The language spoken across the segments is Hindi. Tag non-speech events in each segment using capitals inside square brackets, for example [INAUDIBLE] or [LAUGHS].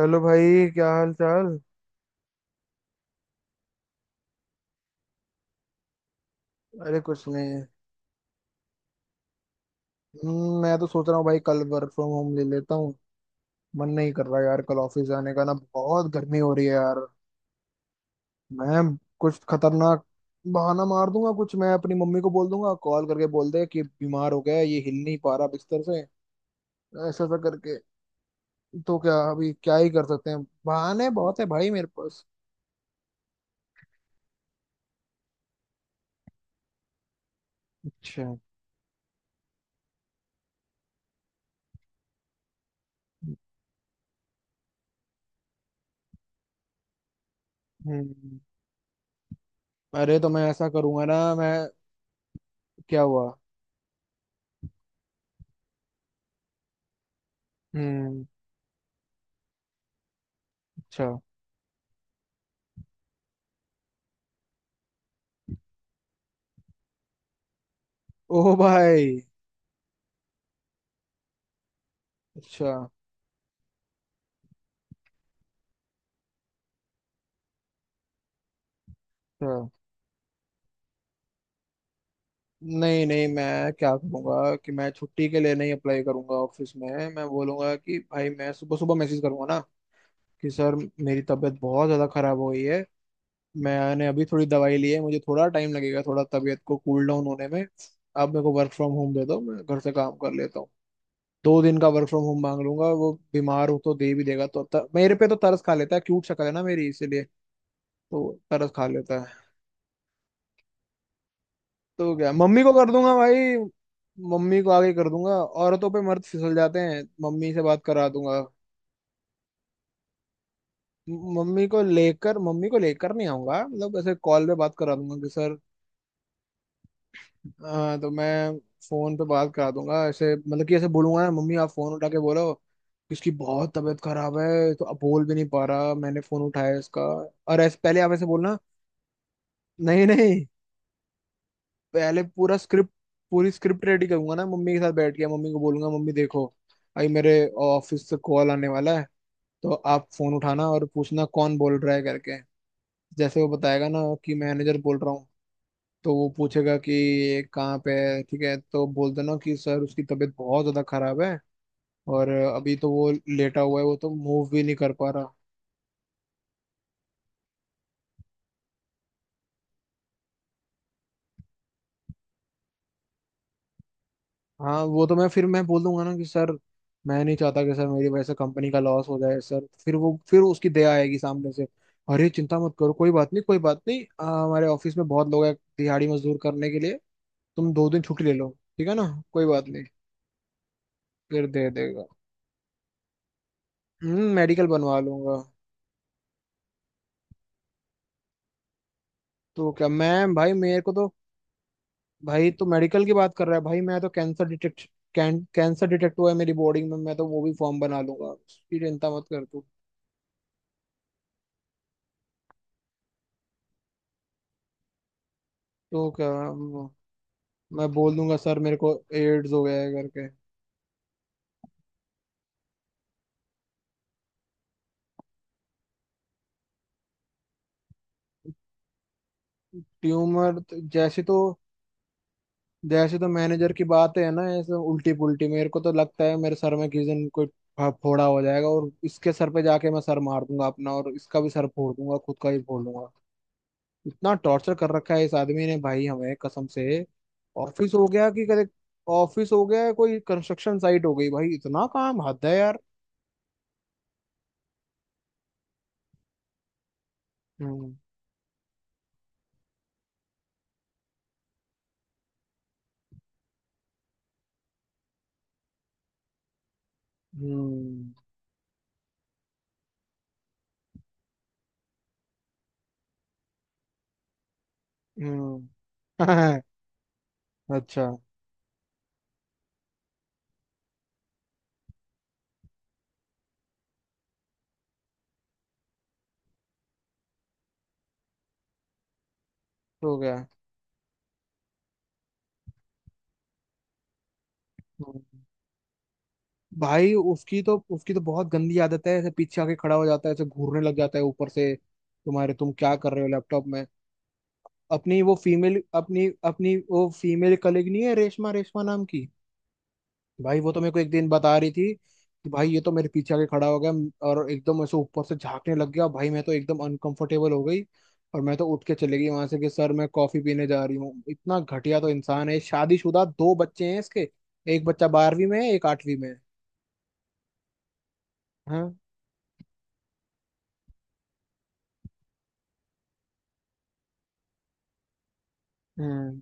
हेलो भाई क्या हाल चाल। अरे कुछ नहीं। मैं तो सोच रहा हूँ भाई कल वर्क फ्रॉम होम ले लेता हूँ। मन नहीं कर रहा यार कल ऑफिस जाने का ना बहुत गर्मी हो रही है यार। मैं कुछ खतरनाक बहाना मार दूंगा कुछ। मैं अपनी मम्मी को बोल दूंगा कॉल करके बोल दे कि बीमार हो गया है, ये हिल नहीं पा रहा बिस्तर से। ऐसा ऐसा करके। तो क्या अभी क्या ही कर सकते हैं बहाने बहुत है भाई मेरे पास। अच्छा। हम्म। अरे तो मैं ऐसा करूंगा ना मैं। क्या हुआ? हम्म। अच्छा। ओ भाई। अच्छा। अच्छा। नहीं नहीं मैं क्या करूंगा कि मैं छुट्टी के लिए नहीं अप्लाई करूंगा ऑफिस में। मैं बोलूंगा कि भाई मैं सुबह सुबह मैसेज करूंगा ना कि सर मेरी तबीयत बहुत ज़्यादा खराब हो गई है। मैंने अभी थोड़ी दवाई ली है मुझे थोड़ा टाइम लगेगा थोड़ा तबीयत को कूल डाउन होने में। आप मेरे को वर्क फ्रॉम होम दे दो मैं घर से काम कर लेता हूँ। दो दिन का वर्क फ्रॉम होम मांग लूंगा वो बीमार हो तो दे भी देगा तो मेरे पे तो तरस खा लेता है क्यूट शक्ल है ना मेरी इसीलिए। तो तरस खा लेता है। तो क्या मम्मी को कर दूंगा भाई। मम्मी को आगे कर दूंगा। औरतों पे मर्द फिसल जाते हैं मम्मी से बात करा दूंगा। मम्मी को लेकर नहीं आऊंगा मतलब ऐसे कॉल पे बात करा दूंगा कि सर। तो मैं फोन पे बात करा दूंगा ऐसे मतलब कि ऐसे बोलूंगा ना मम्मी आप फोन उठा के बोलो कि इसकी बहुत तबीयत खराब है तो अब बोल भी नहीं पा रहा मैंने फोन उठाया इसका। और ऐसे पहले आप ऐसे बोलना। नहीं नहीं। पहले पूरा स्क्रिप्ट। पूरी स्क्रिप्ट रेडी करूंगा ना मम्मी के साथ बैठ के मम्मी को बोलूंगा मम्मी देखो भाई मेरे ऑफिस से कॉल आने वाला है। तो आप फोन उठाना और पूछना कौन बोल रहा है करके। जैसे वो बताएगा ना कि मैनेजर बोल रहा हूँ। तो वो पूछेगा कि ये कहाँ पे है ठीक है तो बोल देना कि सर उसकी तबीयत बहुत ज्यादा खराब है। और अभी तो वो लेटा हुआ है वो तो मूव भी नहीं कर पा रहा। हाँ वो तो मैं बोल दूंगा ना कि सर। मैं नहीं चाहता कि सर मेरी वजह से कंपनी का लॉस हो जाए सर फिर वो फिर उसकी दया आएगी सामने से। अरे चिंता मत करो कोई बात नहीं हमारे ऑफिस में बहुत लोग हैं दिहाड़ी मजदूर करने के लिए। तुम दो दिन छुट्टी ले लो। ठीक है ना। कोई बात नहीं। फिर दे देगा। मेडिकल बनवा लूंगा। तो क्या मैं भाई मेरे को तो। भाई तो मेडिकल की बात कर रहा है भाई मैं तो कैंसर डिटेक्ट कैंसर डिटेक्ट हुआ है मेरी बॉडी में मैं तो वो भी फॉर्म बना लूंगा उसकी चिंता मत कर तू। तो क्या मैं बोल दूंगा सर मेरे को एड्स हो गया है करके। ट्यूमर तो- जैसे तो जैसे तो मैनेजर की बात है ना ऐसे उल्टी पुल्टी मेरे को तो लगता है मेरे सर में किस दिन कोई फोड़ा हो जाएगा और इसके सर पे जाके मैं सर मार दूंगा अपना और इसका भी सर फोड़ दूंगा खुद का ही फोड़ दूंगा। इतना टॉर्चर कर रखा है इस आदमी ने भाई हमें कसम से। ऑफिस हो गया कि कदे। ऑफिस हो गया कोई कंस्ट्रक्शन साइट हो गई भाई इतना काम हद है यार। हम्म। हम्म। हम्म। [LAUGHS] अच्छा। हो गया। हम्म। भाई उसकी तो बहुत गंदी आदत है ऐसे पीछे आके खड़ा हो जाता है ऐसे घूरने लग जाता है ऊपर से। तुम क्या कर रहे हो लैपटॉप में। अपनी वो फीमेल कलीग नहीं है रेशमा रेशमा नाम की। भाई वो तो मेरे को एक दिन बता रही थी कि भाई ये तो मेरे पीछे आके खड़ा हो गया और एकदम ऐसे ऊपर से झांकने लग गया भाई मैं तो एकदम अनकंफर्टेबल हो गई। और मैं तो उठ के चली गई वहां से कि सर मैं कॉफी पीने जा रही हूँ इतना घटिया तो इंसान है शादीशुदा दो बच्चे हैं इसके। एक बच्चा बारहवीं में है एक आठवीं में है। हाँ। हम्म।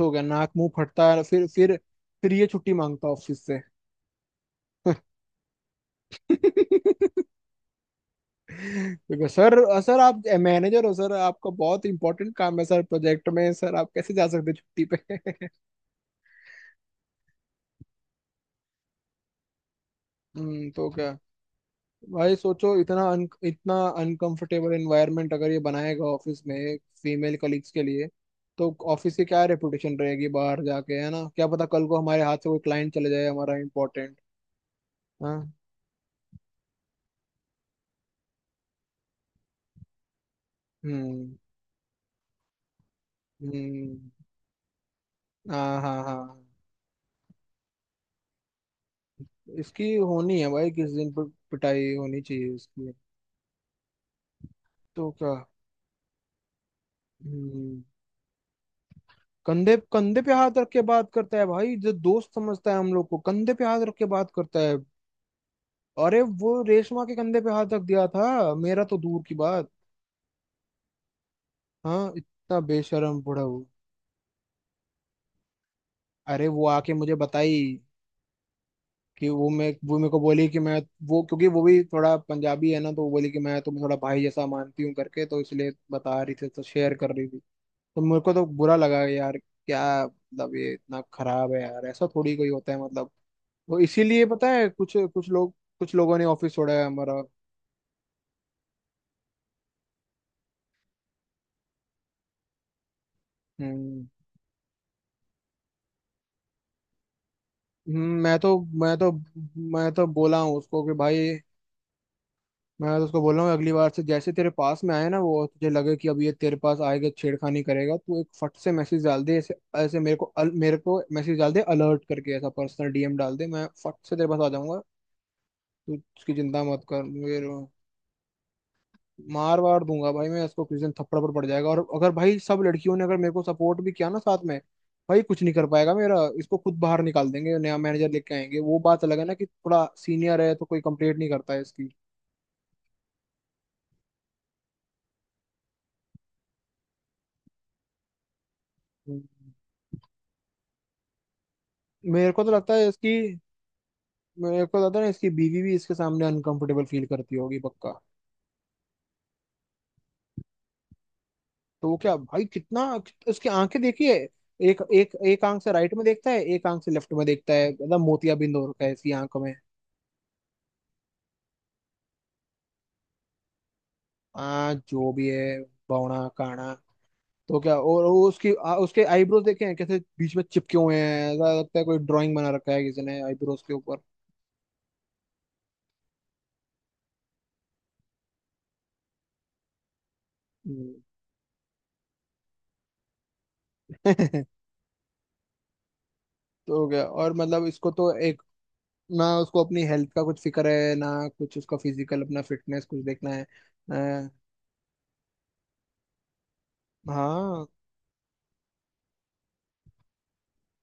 हो गया नाक मुंह फटता है फिर फिर ये छुट्टी मांगता ऑफिस से। [LAUGHS] देखो सर। सर आप मैनेजर हो सर आपका बहुत इंपॉर्टेंट काम है सर प्रोजेक्ट में सर आप कैसे जा सकते हैं छुट्टी पे। [LAUGHS] तो क्या। भाई सोचो इतना इतना अनकंफर्टेबल एनवायरनमेंट अगर ये बनाएगा ऑफिस में फीमेल कलीग्स के लिए। तो ऑफिस की क्या रेपुटेशन रहेगी बाहर जाके है ना क्या पता कल को हमारे हाथ से कोई क्लाइंट चले जाए हमारा इम्पोर्टेंट। हाँ। हम्म। हम्म। हाँ हाँ हाँ। इसकी होनी है भाई किस दिन पिटाई होनी चाहिए इसकी। तो क्या। हम्म। कंधे कंधे पे हाथ रख के बात करता है भाई जो दोस्त समझता है हम लोग को कंधे पे हाथ रख के बात करता है। अरे वो रेशमा के कंधे पे हाथ रख दिया था मेरा तो दूर की बात। हाँ इतना बेशरम बूढ़ा वो। अरे वो आके मुझे बताई कि वो मैं वो मेरे को बोली कि मैं वो क्योंकि वो भी थोड़ा पंजाबी है ना तो वो बोली कि मैं तुम्हें थोड़ा भाई जैसा मानती हूँ करके तो इसलिए बता रही थी तो शेयर कर रही थी। तो मेरे को तो बुरा लगा यार क्या मतलब ये इतना खराब है यार ऐसा थोड़ी कोई होता है मतलब। वो इसीलिए पता है कुछ कुछ लोग कुछ लोगों ने ऑफिस छोड़ा है हमारा। हम्म। मैं तो मैं तो बोला हूँ उसको कि भाई। मैं तो उसको बोला हूँ अगली बार से जैसे तेरे पास में आए ना वो तुझे लगे कि अब ये तेरे पास आएगा छेड़खानी करेगा तू एक फट से मैसेज डाल दे ऐसे ऐसे मेरे को मेरे को मैसेज डाल दे अलर्ट करके ऐसा पर्सनल डीएम डाल दे मैं फट से तेरे पास आ जाऊंगा। तू उसकी चिंता मत कर। मार वार दूंगा भाई मैं इसको किसी दिन थप्पड़ पर पड़ जाएगा और अगर भाई सब लड़कियों ने अगर मेरे को सपोर्ट भी किया ना साथ में। भाई कुछ नहीं कर पाएगा मेरा इसको खुद बाहर निकाल देंगे नया मैनेजर लेके आएंगे वो बात अलग है ना कि थोड़ा सीनियर है तो कोई कंप्लेंट नहीं करता है इसकी। हम्म। मेरे को तो लगता है इसकी। मेरे को लगता है ना इसकी बीवी भी इसके सामने अनकंफर्टेबल फील करती होगी पक्का। तो वो क्या भाई कितना। उसकी आंखें देखिए। एक एक एक आंख से राइट में देखता है एक आंख से लेफ्ट में देखता है मतलब मोतियाबिंद हो रखा है इसकी आंखों में। आ जो भी है। बौना काना। तो क्या और वो उसके आईब्रोज देखे हैं कैसे बीच में चिपके हुए हैं ऐसा लगता है कोई ड्राइंग बना रखा है किसी ने आईब्रोज के ऊपर। हम्म। [LAUGHS] तो क्या और मतलब इसको तो एक ना उसको अपनी हेल्थ का कुछ फिक्र है ना। कुछ उसका फिजिकल अपना फिटनेस कुछ देखना है। अ, हाँ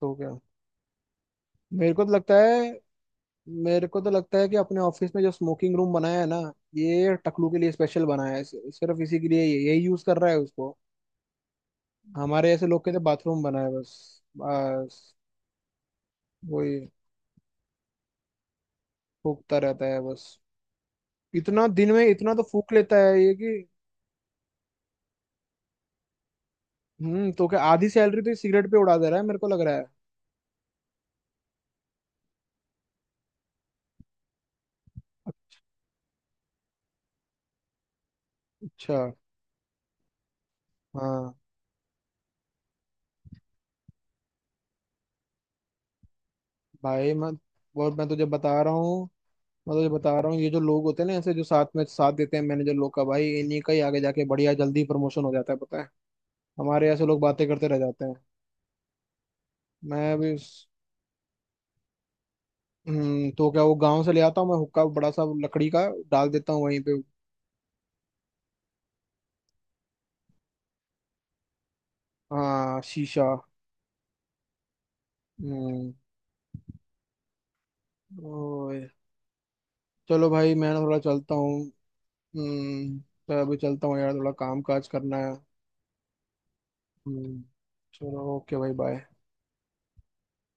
तो क्या। मेरे को तो लगता है मेरे को तो लगता है कि अपने ऑफिस में जो स्मोकिंग रूम बनाया है ना। ये टकलू के लिए स्पेशल बनाया है सिर्फ इसी के लिए यही यूज कर रहा है उसको। हमारे ऐसे लोग के लिए बाथरूम बनाया है बस बस। वही फूकता रहता है बस। इतना दिन में इतना तो फूक लेता है ये कि। तो क्या आधी सैलरी तो ये सिगरेट पे उड़ा दे रहा है मेरे को लग रहा है। अच्छा। हाँ भाई मैं। और मैं तुझे बता रहा हूँ ये जो लोग होते हैं ना ऐसे जो साथ में साथ देते हैं मैनेजर लोग का भाई इन्हीं का ही आगे जाके बढ़िया जल्दी प्रमोशन हो जाता है पता है। हमारे ऐसे लोग बातें करते रह जाते हैं। मैं भी तो क्या वो गांव से ले आता हूँ मैं हुक्का बड़ा सा लकड़ी का डाल देता हूँ वहीं पे। हाँ शीशा। हम्म। ओए। चलो भाई मैं ना थोड़ा चलता हूँ। हम्म तो अभी चलता हूँ यार थोड़ा काम काज करना है। हम्म। चलो ओके भाई बाय।